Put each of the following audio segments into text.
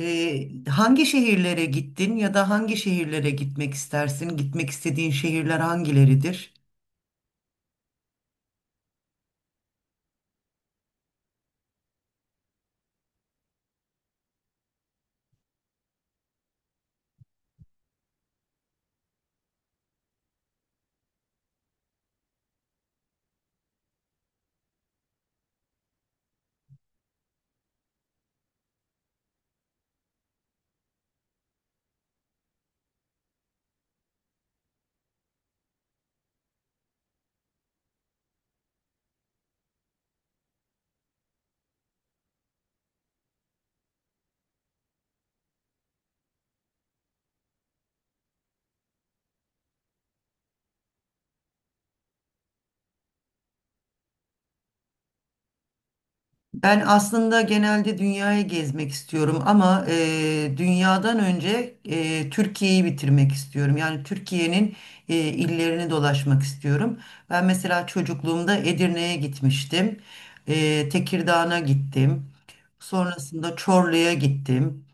Hangi şehirlere gittin ya da hangi şehirlere gitmek istersin? Gitmek istediğin şehirler hangileridir? Ben aslında genelde dünyayı gezmek istiyorum ama dünyadan önce Türkiye'yi bitirmek istiyorum. Yani Türkiye'nin illerini dolaşmak istiyorum. Ben mesela çocukluğumda Edirne'ye gitmiştim. Tekirdağ'a gittim. Sonrasında Çorlu'ya gittim.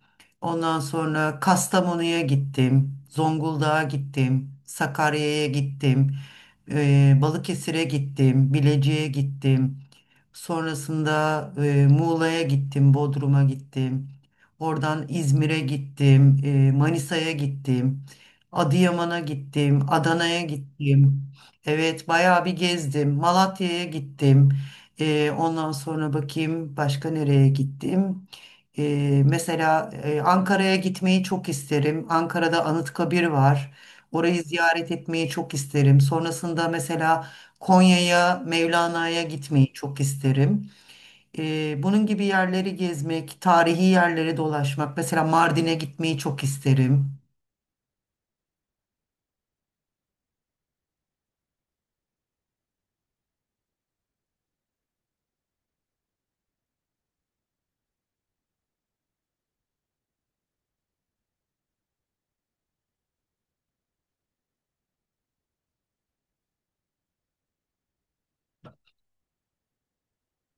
Ondan sonra Kastamonu'ya gittim, Zonguldak'a gittim, Sakarya'ya gittim, Balıkesir'e gittim, Bilecik'e gittim. Sonrasında Muğla'ya gittim, Bodrum'a gittim. Oradan İzmir'e gittim, Manisa'ya gittim, Adıyaman'a gittim, Adana'ya gittim. Evet, bayağı bir gezdim. Malatya'ya gittim. Ondan sonra bakayım başka nereye gittim. Mesela Ankara'ya gitmeyi çok isterim. Ankara'da Anıtkabir var. Orayı ziyaret etmeyi çok isterim. Sonrasında mesela Konya'ya, Mevlana'ya gitmeyi çok isterim. Bunun gibi yerleri gezmek, tarihi yerlere dolaşmak. Mesela Mardin'e gitmeyi çok isterim.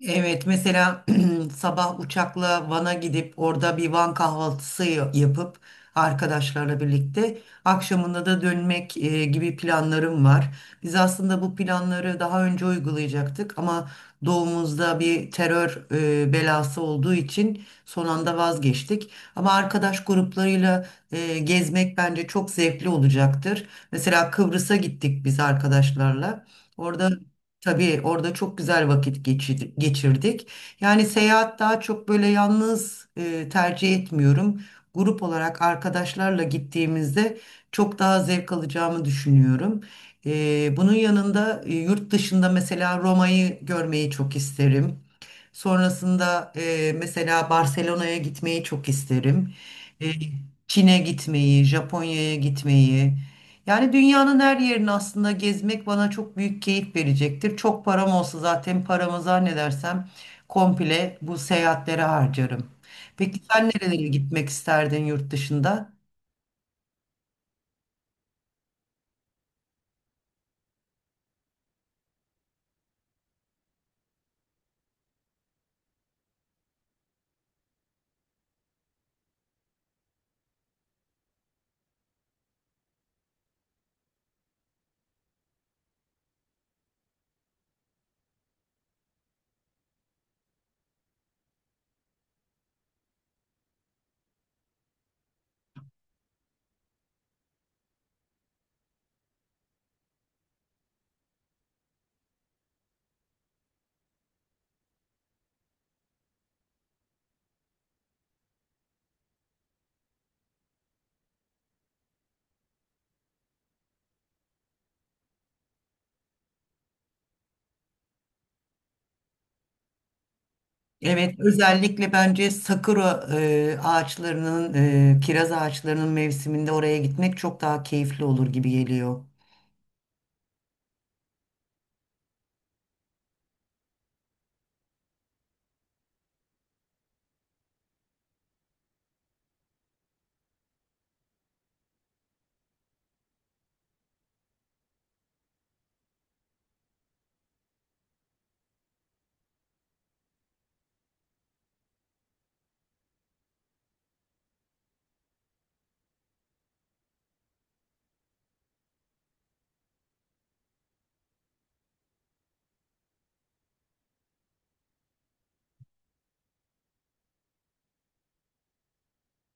Evet mesela sabah uçakla Van'a gidip orada bir Van kahvaltısı yapıp arkadaşlarla birlikte akşamında da dönmek gibi planlarım var. Biz aslında bu planları daha önce uygulayacaktık ama doğumuzda bir terör belası olduğu için son anda vazgeçtik. Ama arkadaş gruplarıyla gezmek bence çok zevkli olacaktır. Mesela Kıbrıs'a gittik biz arkadaşlarla. Orada tabii orada çok güzel vakit geçirdik. Yani seyahat daha çok böyle yalnız tercih etmiyorum. Grup olarak arkadaşlarla gittiğimizde çok daha zevk alacağımı düşünüyorum. Bunun yanında yurt dışında mesela Roma'yı görmeyi çok isterim. Sonrasında mesela Barcelona'ya gitmeyi çok isterim. Hmm. Çin'e gitmeyi, Japonya'ya gitmeyi. Yani dünyanın her yerini aslında gezmek bana çok büyük keyif verecektir. Çok param olsa zaten paramı zannedersem komple bu seyahatlere harcarım. Peki sen nerelere gitmek isterdin yurt dışında? Evet, özellikle bence sakura ağaçlarının, kiraz ağaçlarının mevsiminde oraya gitmek çok daha keyifli olur gibi geliyor.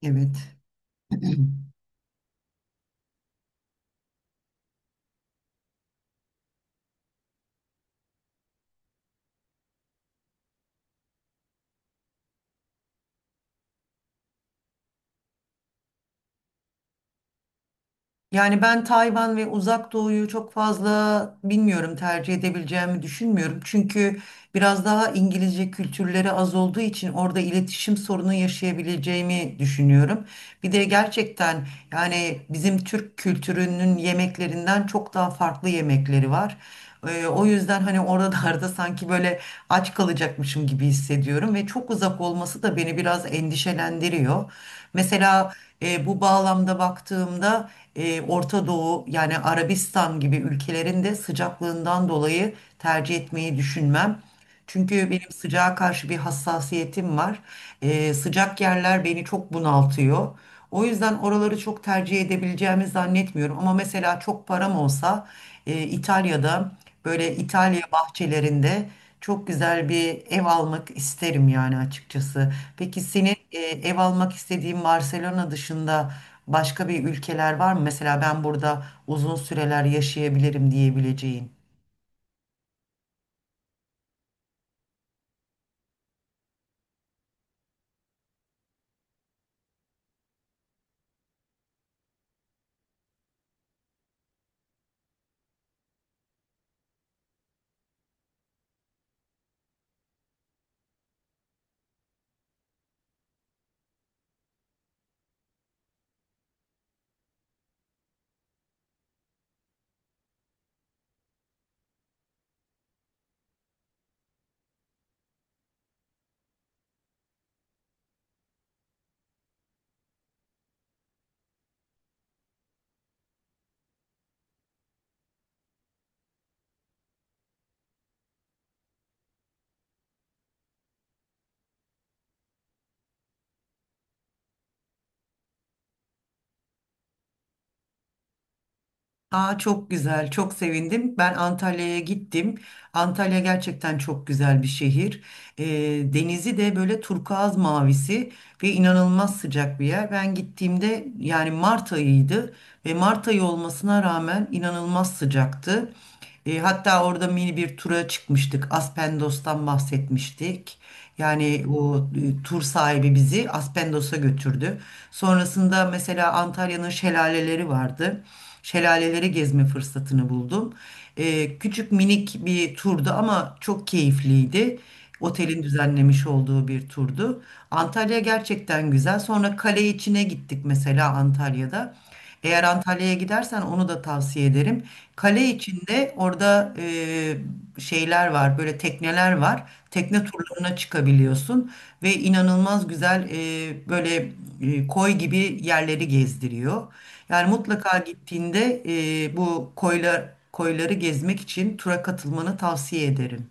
Evet. Yani ben Tayvan ve Uzak Doğu'yu çok fazla bilmiyorum, tercih edebileceğimi düşünmüyorum. Çünkü biraz daha İngilizce kültürleri az olduğu için orada iletişim sorunu yaşayabileceğimi düşünüyorum. Bir de gerçekten yani bizim Türk kültürünün yemeklerinden çok daha farklı yemekleri var. O yüzden hani oralarda sanki böyle aç kalacakmışım gibi hissediyorum ve çok uzak olması da beni biraz endişelendiriyor. Mesela bu bağlamda baktığımda Orta Doğu yani Arabistan gibi ülkelerin de sıcaklığından dolayı tercih etmeyi düşünmem. Çünkü benim sıcağa karşı bir hassasiyetim var. Sıcak yerler beni çok bunaltıyor. O yüzden oraları çok tercih edebileceğimi zannetmiyorum. Ama mesela çok param olsa İtalya'da böyle İtalya bahçelerinde çok güzel bir ev almak isterim yani açıkçası. Peki senin ev almak istediğin Barcelona dışında başka bir ülkeler var mı? Mesela ben burada uzun süreler yaşayabilirim diyebileceğin. Aa, çok güzel, çok sevindim. Ben Antalya'ya gittim. Antalya gerçekten çok güzel bir şehir. Ee, denizi de böyle turkuaz mavisi ve inanılmaz sıcak bir yer. Ben gittiğimde yani Mart ayıydı ve Mart ayı olmasına rağmen inanılmaz sıcaktı. Hatta orada mini bir tura çıkmıştık. Aspendos'tan bahsetmiştik. Yani o tur sahibi bizi Aspendos'a götürdü. Sonrasında mesela Antalya'nın şelaleleri vardı. Şelaleleri gezme fırsatını buldum. Küçük minik bir turdu ama çok keyifliydi. Otelin düzenlemiş olduğu bir turdu. Antalya gerçekten güzel. Sonra kale içine gittik mesela Antalya'da. Eğer Antalya'ya gidersen onu da tavsiye ederim. Kale içinde orada şeyler var, böyle tekneler var. Tekne turlarına çıkabiliyorsun ve inanılmaz güzel böyle koy gibi yerleri gezdiriyor. Yani mutlaka gittiğinde bu koyları gezmek için tura katılmanı tavsiye ederim.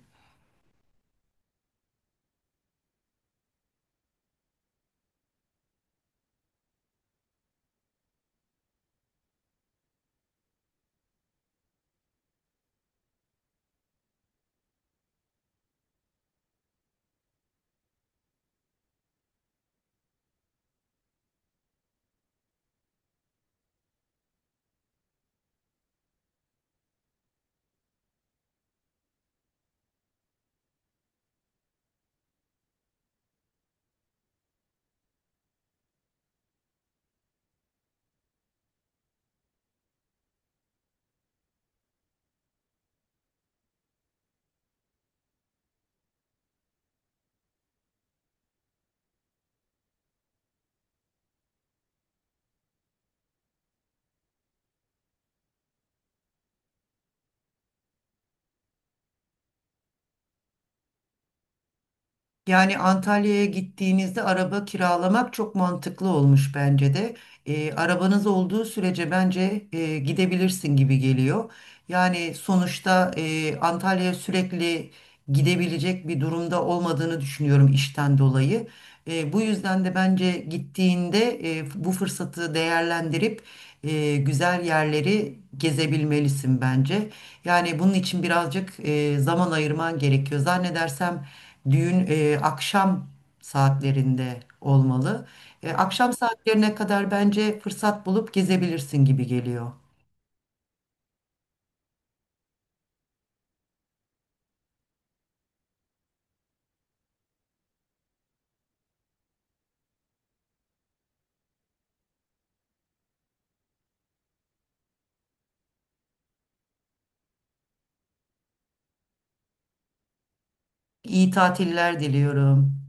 Yani Antalya'ya gittiğinizde araba kiralamak çok mantıklı olmuş bence de. Arabanız olduğu sürece bence gidebilirsin gibi geliyor. Yani sonuçta Antalya'ya sürekli gidebilecek bir durumda olmadığını düşünüyorum işten dolayı. Bu yüzden de bence gittiğinde bu fırsatı değerlendirip güzel yerleri gezebilmelisin bence. Yani bunun için birazcık zaman ayırman gerekiyor. Zannedersem düğün akşam saatlerinde olmalı. Akşam saatlerine kadar bence fırsat bulup gezebilirsin gibi geliyor. İyi tatiller diliyorum.